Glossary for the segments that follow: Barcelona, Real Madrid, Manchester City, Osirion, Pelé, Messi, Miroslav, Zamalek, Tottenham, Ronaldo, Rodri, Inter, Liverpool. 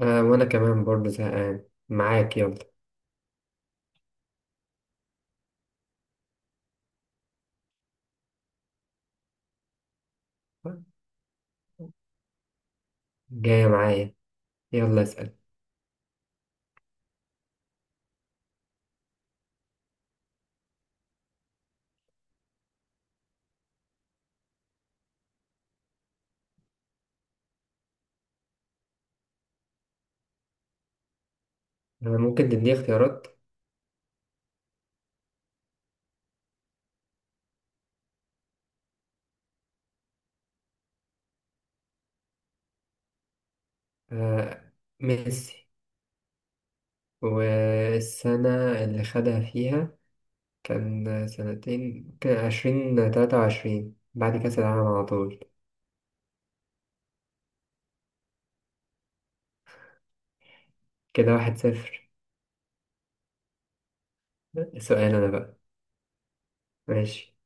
وأنا كمان برضه زهقان معاك، يلا. جاية معايا، يلا اسأل. ممكن تديني اختيارات. آه ميسي. والسنة اللي خدها فيها كان سنتين، كان عشرين، تلاتة وعشرين، بعد كأس العالم على طول. كده واحد صفر. سؤال أنا بقى. ماشي.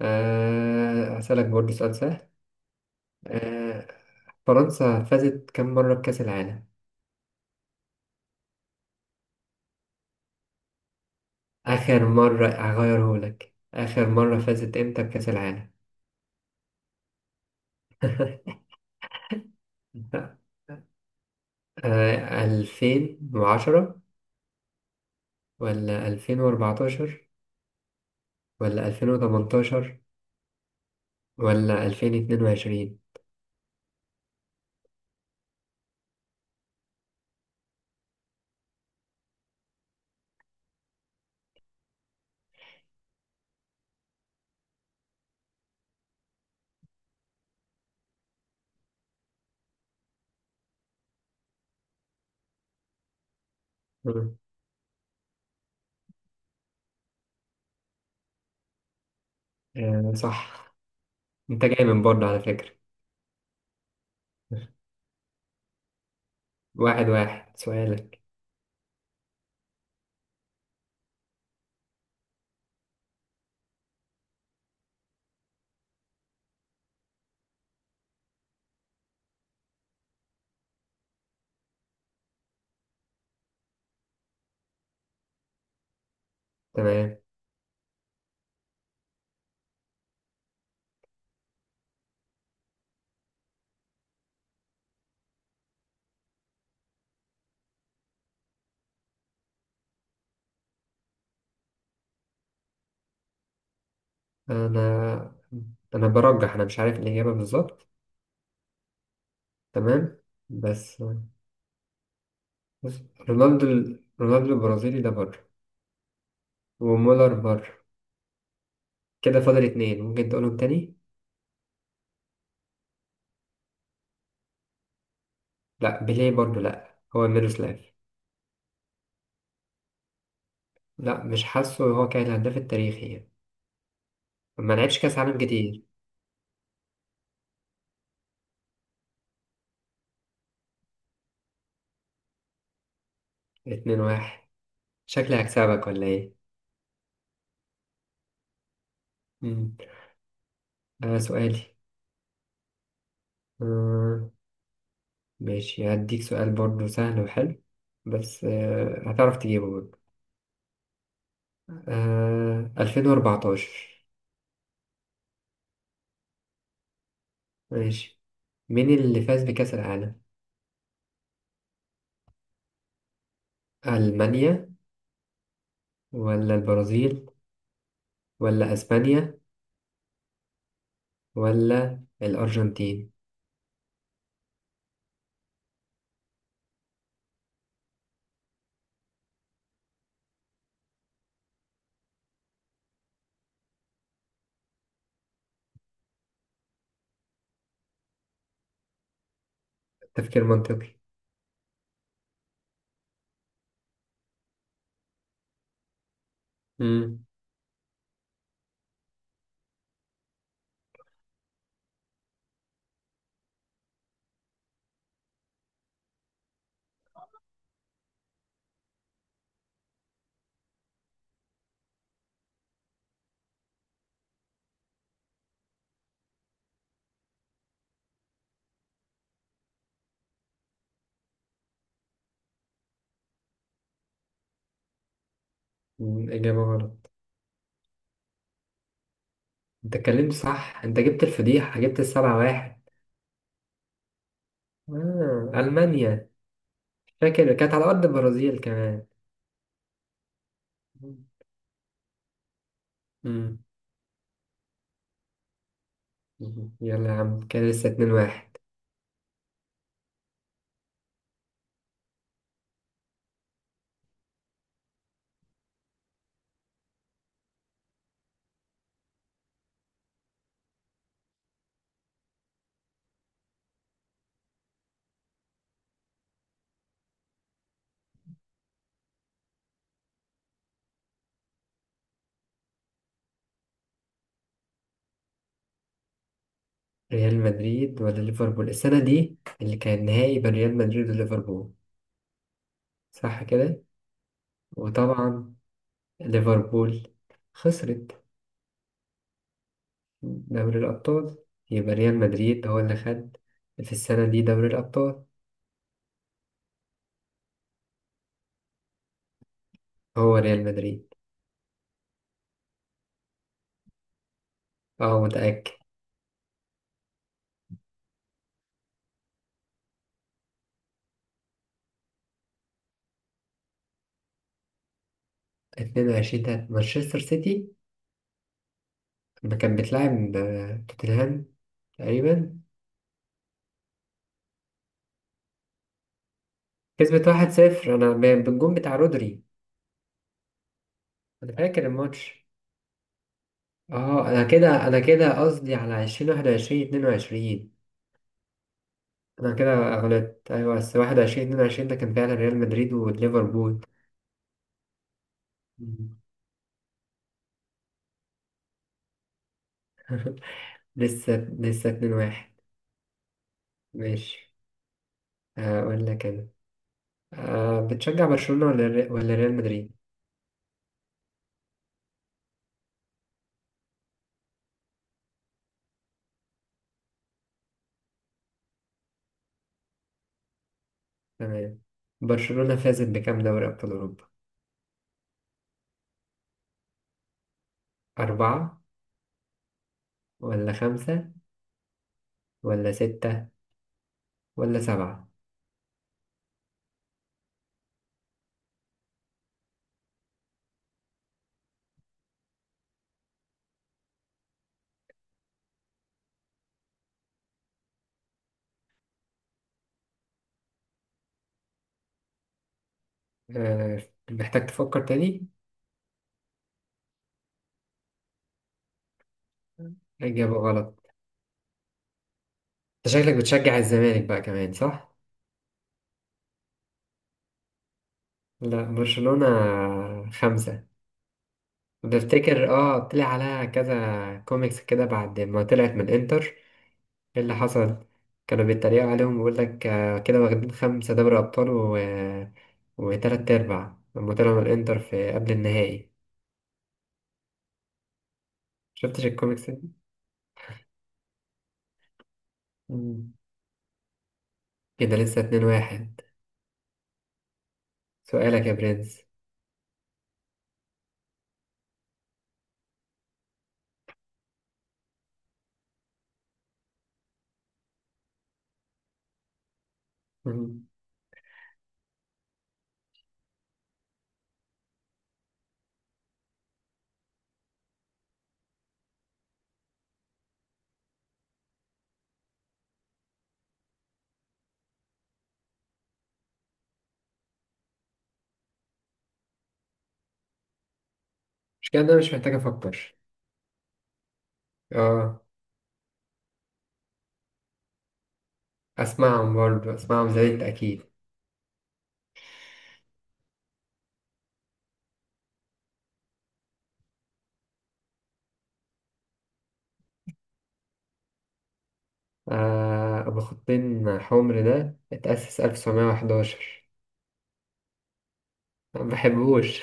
آه هسألك برضه سؤال سهل. آه فرنسا فازت كم مرة بكأس العالم؟ آخر مرة هغيرهولك، آخر مرة فازت إمتى بكأس العالم؟ لا. ألفين وعشرة، ولا ألفين وأربعتاشر، ولا ألفين وتمنتاشر، ولا ألفين اتنين وعشرين. مم. آه، صح. أنت جاي من برضه على فكرة. واحد واحد سؤالك. تمام. أنا أنا برجح، أنا مش عارف الإجابة بالظبط. تمام. بس بص، رونالدو، رونالدو البرازيلي ده بره، ومولر بره. كده فاضل اتنين، ممكن تقولهم تاني؟ لأ بيليه برضه، لأ هو ميروسلاف. لا مش حاسه، هو كان الهداف التاريخي يعني، ما لعبش كاس عالم كتير. اتنين واحد، شكلي هكسبك ولا ايه. مم. سؤالي. آه ماشي هديك سؤال برضه سهل وحلو، بس هتعرف تجيبه برضه. 2014. ماشي. مين اللي فاز بكأس العالم؟ ألمانيا، ولا البرازيل، ولا أسبانيا، ولا الأرجنتين. تفكير منطقي. مم. مم، إجابة غلط. انت اتكلمت صح، انت جبت الفضيحة، جبت السبعة واحد. آه. ألمانيا. فاكر كانت على أرض البرازيل كمان. مم. مم، يلا يا عم، كان لسه اتنين واحد. ريال مدريد ولا ليفربول، السنة دي اللي كان نهائي بين ريال مدريد وليفربول صح كده. وطبعا ليفربول خسرت دوري الأبطال، يبقى ريال مدريد هو اللي خد في السنة دي دوري الأبطال. هو ريال مدريد. اه متأكد. اتنين وعشرين تلاتة مانشستر سيتي، ما كانت بتلعب توتنهام تقريبا. كسبت واحد صفر، أنا بالجون بتاع رودري. أنا فاكر الماتش. اه أنا كده، أنا كده قصدي على عشرين واحد وعشرين، اتنين وعشرين. أنا كده غلطت، أيوة، بس واحد وعشرين اتنين وعشرين ده كان فعلا ريال مدريد وليفربول. مم. لسه اتنين واحد. ماشي. أقول لك أنا. أه بتشجع برشلونة ولا ولا ريال مدريد. تمام. برشلونة فازت بكام دوري أبطال أوروبا؟ أربعة، ولا خمسة، ولا ستة، ولا سبعة. آه، محتاج تفكر تاني. إجابة غلط. أنت شكلك بتشجع الزمالك بقى كمان صح؟ لا برشلونة. خمسة. بفتكر اه طلع عليها كذا كوميكس كده بعد ما طلعت من انتر. ايه اللي حصل؟ كانوا بيتريقوا عليهم بيقول لك، كده واخدين خمسة دوري ابطال و... وتلات ارباع، لما طلعوا من الانتر في قبل النهائي. شفتش الكوميكس دي؟ مم. كده لسه اتنين واحد. سؤالك يا برنس. مم. مش كده، انا مش محتاج افكر. اه اسمعهم برضه، اسمعهم زي انت اكيد. آه، ابو خطين حمر ده اتأسس 1911. ما بحبوش.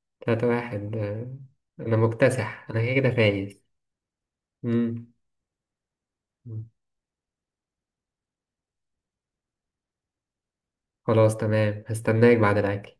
تلاتة واحد، انا مكتسح، انا كده كده فايز. مم. خلاص تمام، هستناك بعد الاكل.